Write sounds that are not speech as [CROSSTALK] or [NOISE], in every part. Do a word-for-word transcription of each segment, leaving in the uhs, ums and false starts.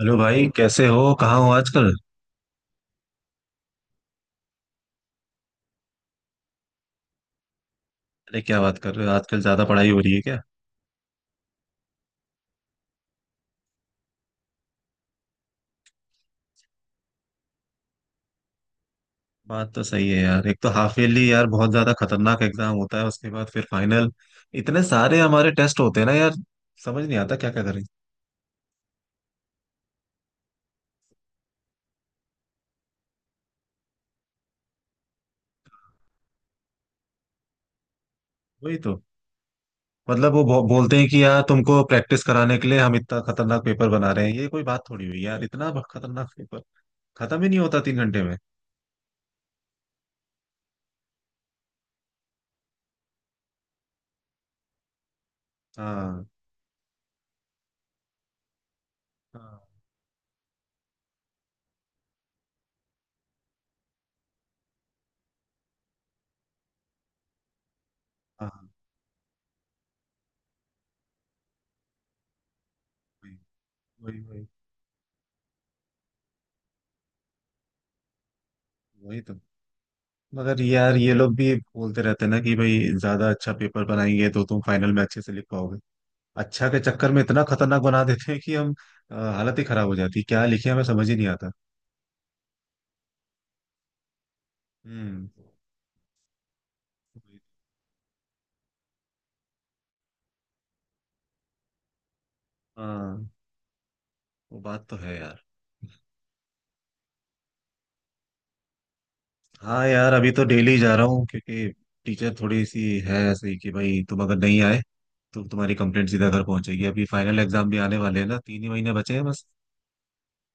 Hello भाई, कैसे हो? कहाँ हो आजकल? अरे, क्या बात कर रहे हो? आजकल ज्यादा पढ़ाई हो रही है क्या? बात तो सही है यार। एक तो हाफ ईयरली यार बहुत ज्यादा खतरनाक एग्जाम होता है, उसके बाद फिर फाइनल। इतने सारे हमारे टेस्ट होते हैं ना यार। समझ नहीं आता क्या क्या करें। वही तो। मतलब वो बो, बोलते हैं कि यार तुमको प्रैक्टिस कराने के लिए हम इतना खतरनाक पेपर बना रहे हैं। ये कोई बात थोड़ी हुई यार? इतना खतरनाक पेपर खत्म ही नहीं होता तीन घंटे में। हाँ, हाँ, हाँ, वही, वही, वही, वही तो। मगर यार ये लोग भी बोलते रहते हैं ना कि भाई ज्यादा अच्छा पेपर बनाएंगे तो तुम फाइनल में अच्छे से लिख पाओगे। अच्छा के चक्कर में इतना खतरनाक बना देते हैं कि हम अ, हालत ही खराब हो जाती है। क्या लिखे हमें समझ ही नहीं आता। हम्म। हाँ, वो बात तो है यार। हाँ यार, अभी तो डेली जा रहा हूँ, क्योंकि टीचर थोड़ी सी है ऐसे ही कि भाई तुम अगर नहीं आए तो तुम्हारी कंप्लेंट सीधा घर पहुंचेगी। अभी फाइनल एग्जाम भी आने वाले हैं ना, तीन ही महीने बचे हैं बस।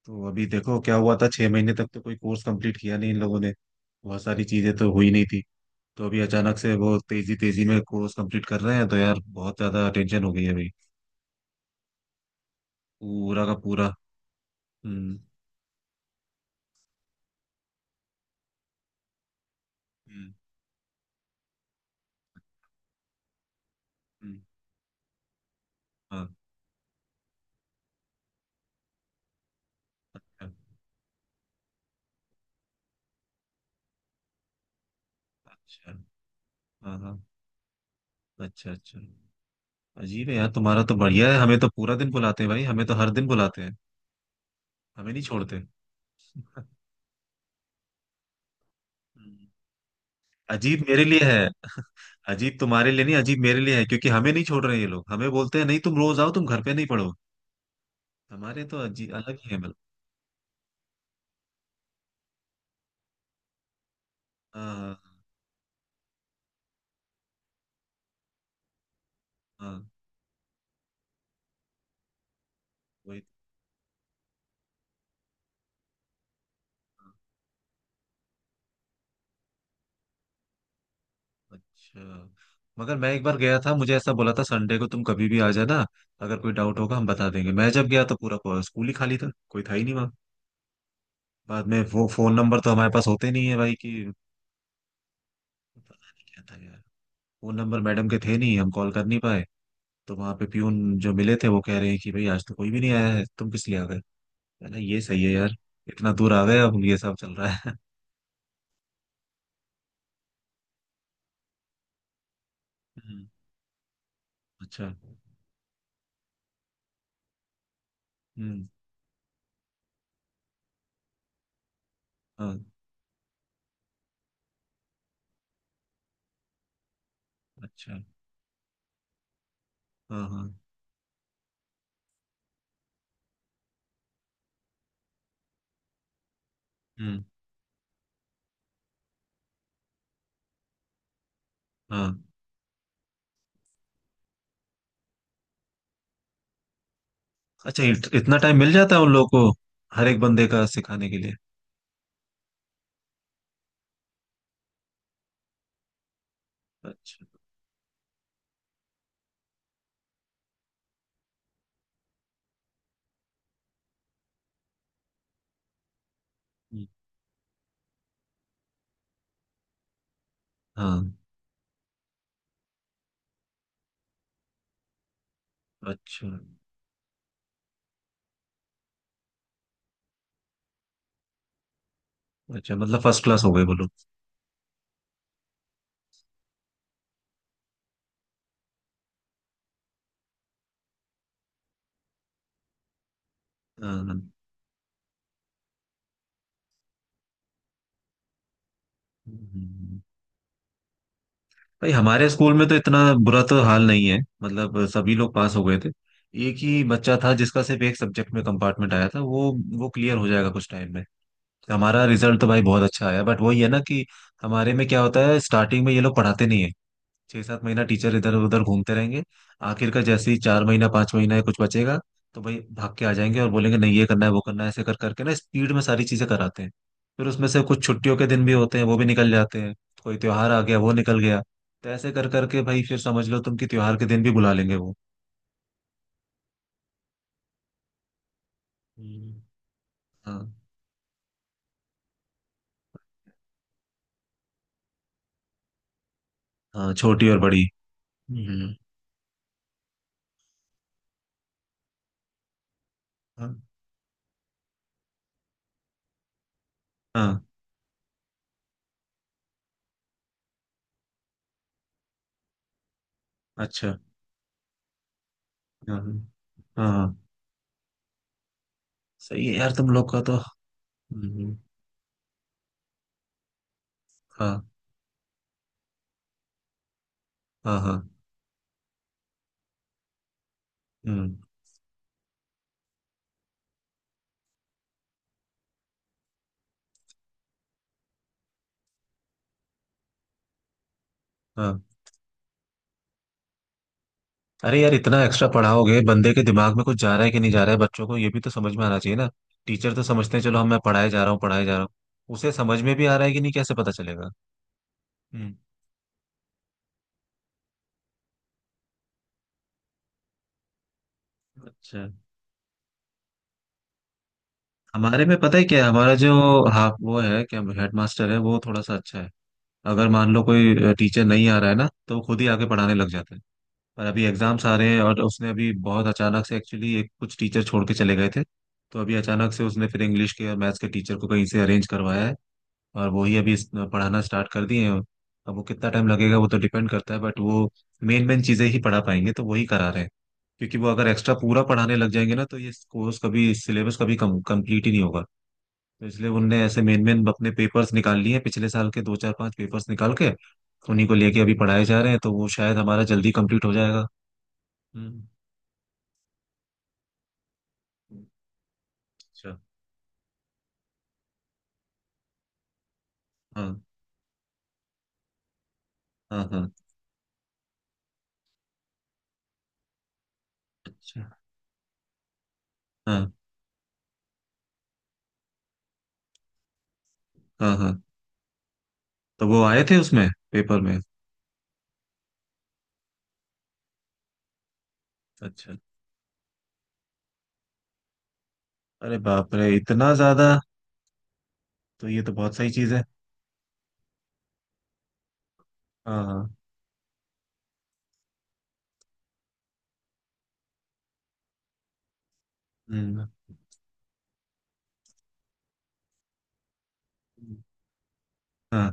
तो अभी देखो क्या हुआ था, छह महीने तक तो कोई कोर्स कंप्लीट किया नहीं इन लोगों ने। बहुत सारी चीजें तो हुई नहीं थी। तो अभी अचानक से वो तेजी तेजी में कोर्स कंप्लीट कर रहे हैं, तो यार बहुत ज्यादा टेंशन हो गई है भाई। पूरा का पूरा। हम्म, हम्म, हम्म, हाँ। अच्छा, अच्छा। हाँ, हाँ। अच्छा, अच्छा। अजीब है यार, तुम्हारा तो बढ़िया है। हमें तो पूरा दिन बुलाते हैं भाई, हमें तो हर दिन बुलाते हैं। हमें नहीं छोड़ते। [LAUGHS] हम्म। अजीब मेरे लिए है, अजीब तुम्हारे लिए नहीं, अजीब मेरे लिए है, क्योंकि हमें नहीं छोड़ रहे हैं ये लोग। हमें बोलते हैं नहीं, तुम रोज आओ, तुम घर पे नहीं पढ़ो। हमारे तो जी अलग ही है मतलब। हाँ, हाँ, वही तो। अच्छा। मगर मैं एक बार गया था, मुझे ऐसा बोला था संडे को तुम कभी भी आ जाना। अगर कोई डाउट होगा हम बता देंगे। मैं जब गया तो पूरा पूरा स्कूल ही खाली था, कोई था ही नहीं वहाँ। बाद में, वो फोन नंबर तो हमारे पास होते नहीं है भाई कि। पता नहीं क्या था यार। फोन नंबर मैडम के थे नहीं, हम कॉल कर नहीं पाए। तो वहाँ पे प्यून जो मिले थे वो कह रहे हैं कि भाई आज तो कोई भी नहीं आया है, तुम किस लिए आ गए? मैंने कहा, ये सही है यार, इतना दूर आ गए अब ये सब चल रहा है। [LAUGHS] हम्म, अच्छा। हम्म, हाँ। अच्छा। हाँ, हाँ। हम्म, हाँ। अच्छा, इत, इतना टाइम मिल जाता है उन लोगों को हर एक बंदे का सिखाने के लिए? अच्छा। हम्म, हाँ। अच्छा, अच्छा। मतलब फर्स्ट क्लास हो गए बोलो। हाँ, हाँ। हम्म। भाई हमारे स्कूल में तो इतना बुरा तो हाल नहीं है, मतलब सभी लोग पास हो गए थे। एक ही बच्चा था जिसका सिर्फ एक सब्जेक्ट में कंपार्टमेंट आया था, वो वो क्लियर हो जाएगा कुछ टाइम में। हमारा रिजल्ट तो भाई बहुत अच्छा आया, बट वही है ना कि हमारे में क्या होता है, स्टार्टिंग में ये लोग पढ़ाते नहीं है। छह सात महीना टीचर इधर उधर घूमते रहेंगे। आखिर का जैसे ही चार महीना पांच महीना या कुछ बचेगा, तो भाई भाग के आ जाएंगे और बोलेंगे नहीं, ये करना है वो करना है, ऐसे कर करके ना स्पीड में सारी चीजें कराते हैं। फिर उसमें से कुछ छुट्टियों के दिन भी होते हैं, वो भी निकल जाते हैं। कोई त्योहार आ गया, वो निकल गया। तो ऐसे कर करके भाई फिर समझ लो तुम कि त्योहार के दिन भी बुला लेंगे वो। हम्म, हाँ। हाँ, छोटी और बड़ी। हम्म। हाँ, हाँ, अच्छा। हाँ, हाँ, हाँ, सही है यार तुम लोग का तो। हम्म, हाँ, हाँ, हाँ। हम्म, हाँ। अरे यार, इतना एक्स्ट्रा पढ़ाओगे, बंदे के दिमाग में कुछ जा रहा है कि नहीं जा रहा है? बच्चों को ये भी तो समझ में आना चाहिए ना। टीचर तो समझते हैं चलो हम मैं पढ़ाए जा रहा हूँ, पढ़ाए जा रहा हूँ, उसे समझ में भी आ रहा है कि नहीं कैसे पता चलेगा? हम्म, अच्छा। हमारे में पता है क्या है हमारा जो। हाँ, वो है क्या, हेडमास्टर है, वो थोड़ा सा अच्छा है। अगर मान लो कोई टीचर नहीं आ रहा है ना, तो वो खुद ही आके पढ़ाने लग जाता है। पर अभी एग्जाम्स आ रहे हैं, और उसने अभी बहुत अचानक से एक्चुअली एक कुछ टीचर छोड़ के चले गए थे। तो अभी अचानक से उसने फिर इंग्लिश के और मैथ्स के टीचर को कहीं से अरेंज करवाया है। और वो ही अभी पढ़ाना स्टार्ट कर दिए हैं। अब वो कितना टाइम लगेगा वो तो डिपेंड करता है, बट वो मेन मेन चीजें ही पढ़ा पाएंगे तो वही करा रहे हैं। क्योंकि वो अगर एक्स्ट्रा पूरा पढ़ाने लग जाएंगे ना तो ये कोर्स कभी सिलेबस कभी कम कंप्लीट ही नहीं होगा। तो इसलिए उनने ऐसे मेन मेन अपने पेपर्स निकाल लिए हैं, पिछले साल के दो चार पांच पेपर्स निकाल के। उन्हीं को लेके अभी पढ़ाए जा रहे हैं, तो वो शायद हमारा जल्दी कंप्लीट हो जाएगा। हम्म। अच्छा। हाँ, हाँ, हाँ। अच्छा। हाँ, हाँ, हाँ। तो वो आए थे उसमें पेपर में? अच्छा। अरे बाप रे, इतना ज्यादा? तो ये तो बहुत सही चीज है। हाँ, हाँ। हम्म, हाँ,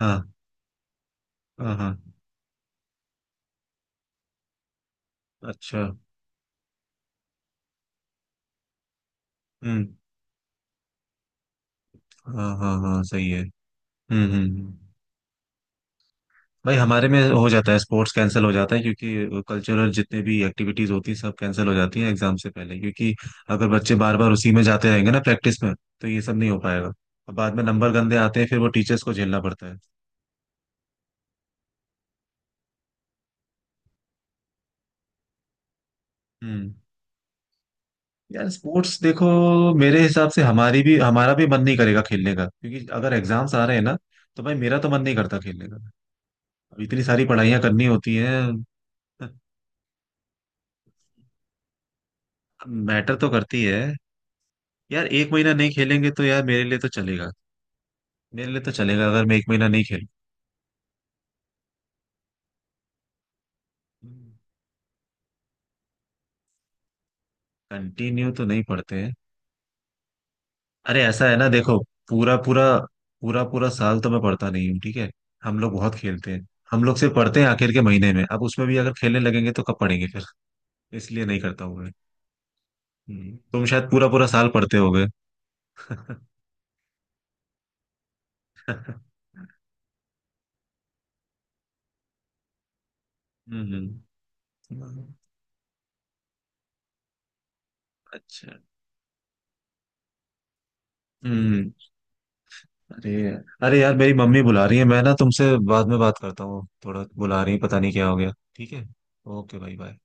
हाँ, हाँ, हाँ। अच्छा। हम्म, हाँ, हाँ, हाँ, सही है। हम्म, हम्म, हम्म। भाई हमारे में हो जाता है स्पोर्ट्स कैंसिल हो जाता है, क्योंकि कल्चरल जितने भी एक्टिविटीज होती हैं सब कैंसिल हो जाती हैं एग्जाम से पहले, क्योंकि अगर बच्चे बार बार उसी में जाते रहेंगे ना प्रैक्टिस में, तो ये सब नहीं हो पाएगा। और बाद में नंबर गंदे आते हैं, फिर वो टीचर्स को झेलना पड़ता है। हम्म। यार स्पोर्ट्स देखो, मेरे हिसाब से हमारी भी हमारा भी मन नहीं करेगा खेलने का, क्योंकि अगर एग्जाम्स आ रहे हैं ना तो भाई मेरा तो मन नहीं करता खेलने का। अब इतनी सारी पढ़ाइयाँ करनी होती हैं। मैटर तो करती है यार, एक महीना नहीं खेलेंगे तो यार मेरे लिए तो चलेगा। मेरे लिए तो चलेगा अगर मैं एक महीना नहीं खेलूं। कंटिन्यू तो नहीं पढ़ते हैं। अरे ऐसा है ना देखो, पूरा पूरा पूरा पूरा साल तो मैं पढ़ता नहीं हूँ, ठीक है। हम लोग बहुत खेलते हैं, हम लोग सिर्फ पढ़ते हैं आखिर के महीने में। अब उसमें भी अगर खेलने लगेंगे तो कब पढ़ेंगे फिर? इसलिए नहीं करता हूँ। हम्म, तुम शायद पूरा पूरा साल पढ़ते होगे। [LAUGHS] हम्म। अच्छा। हम्म। अरे, अरे यार मेरी मम्मी बुला रही है, मैं ना तुमसे बाद में बात करता हूँ। थोड़ा बुला रही है, पता नहीं क्या हो गया। ठीक है। ओके भाई, बाय।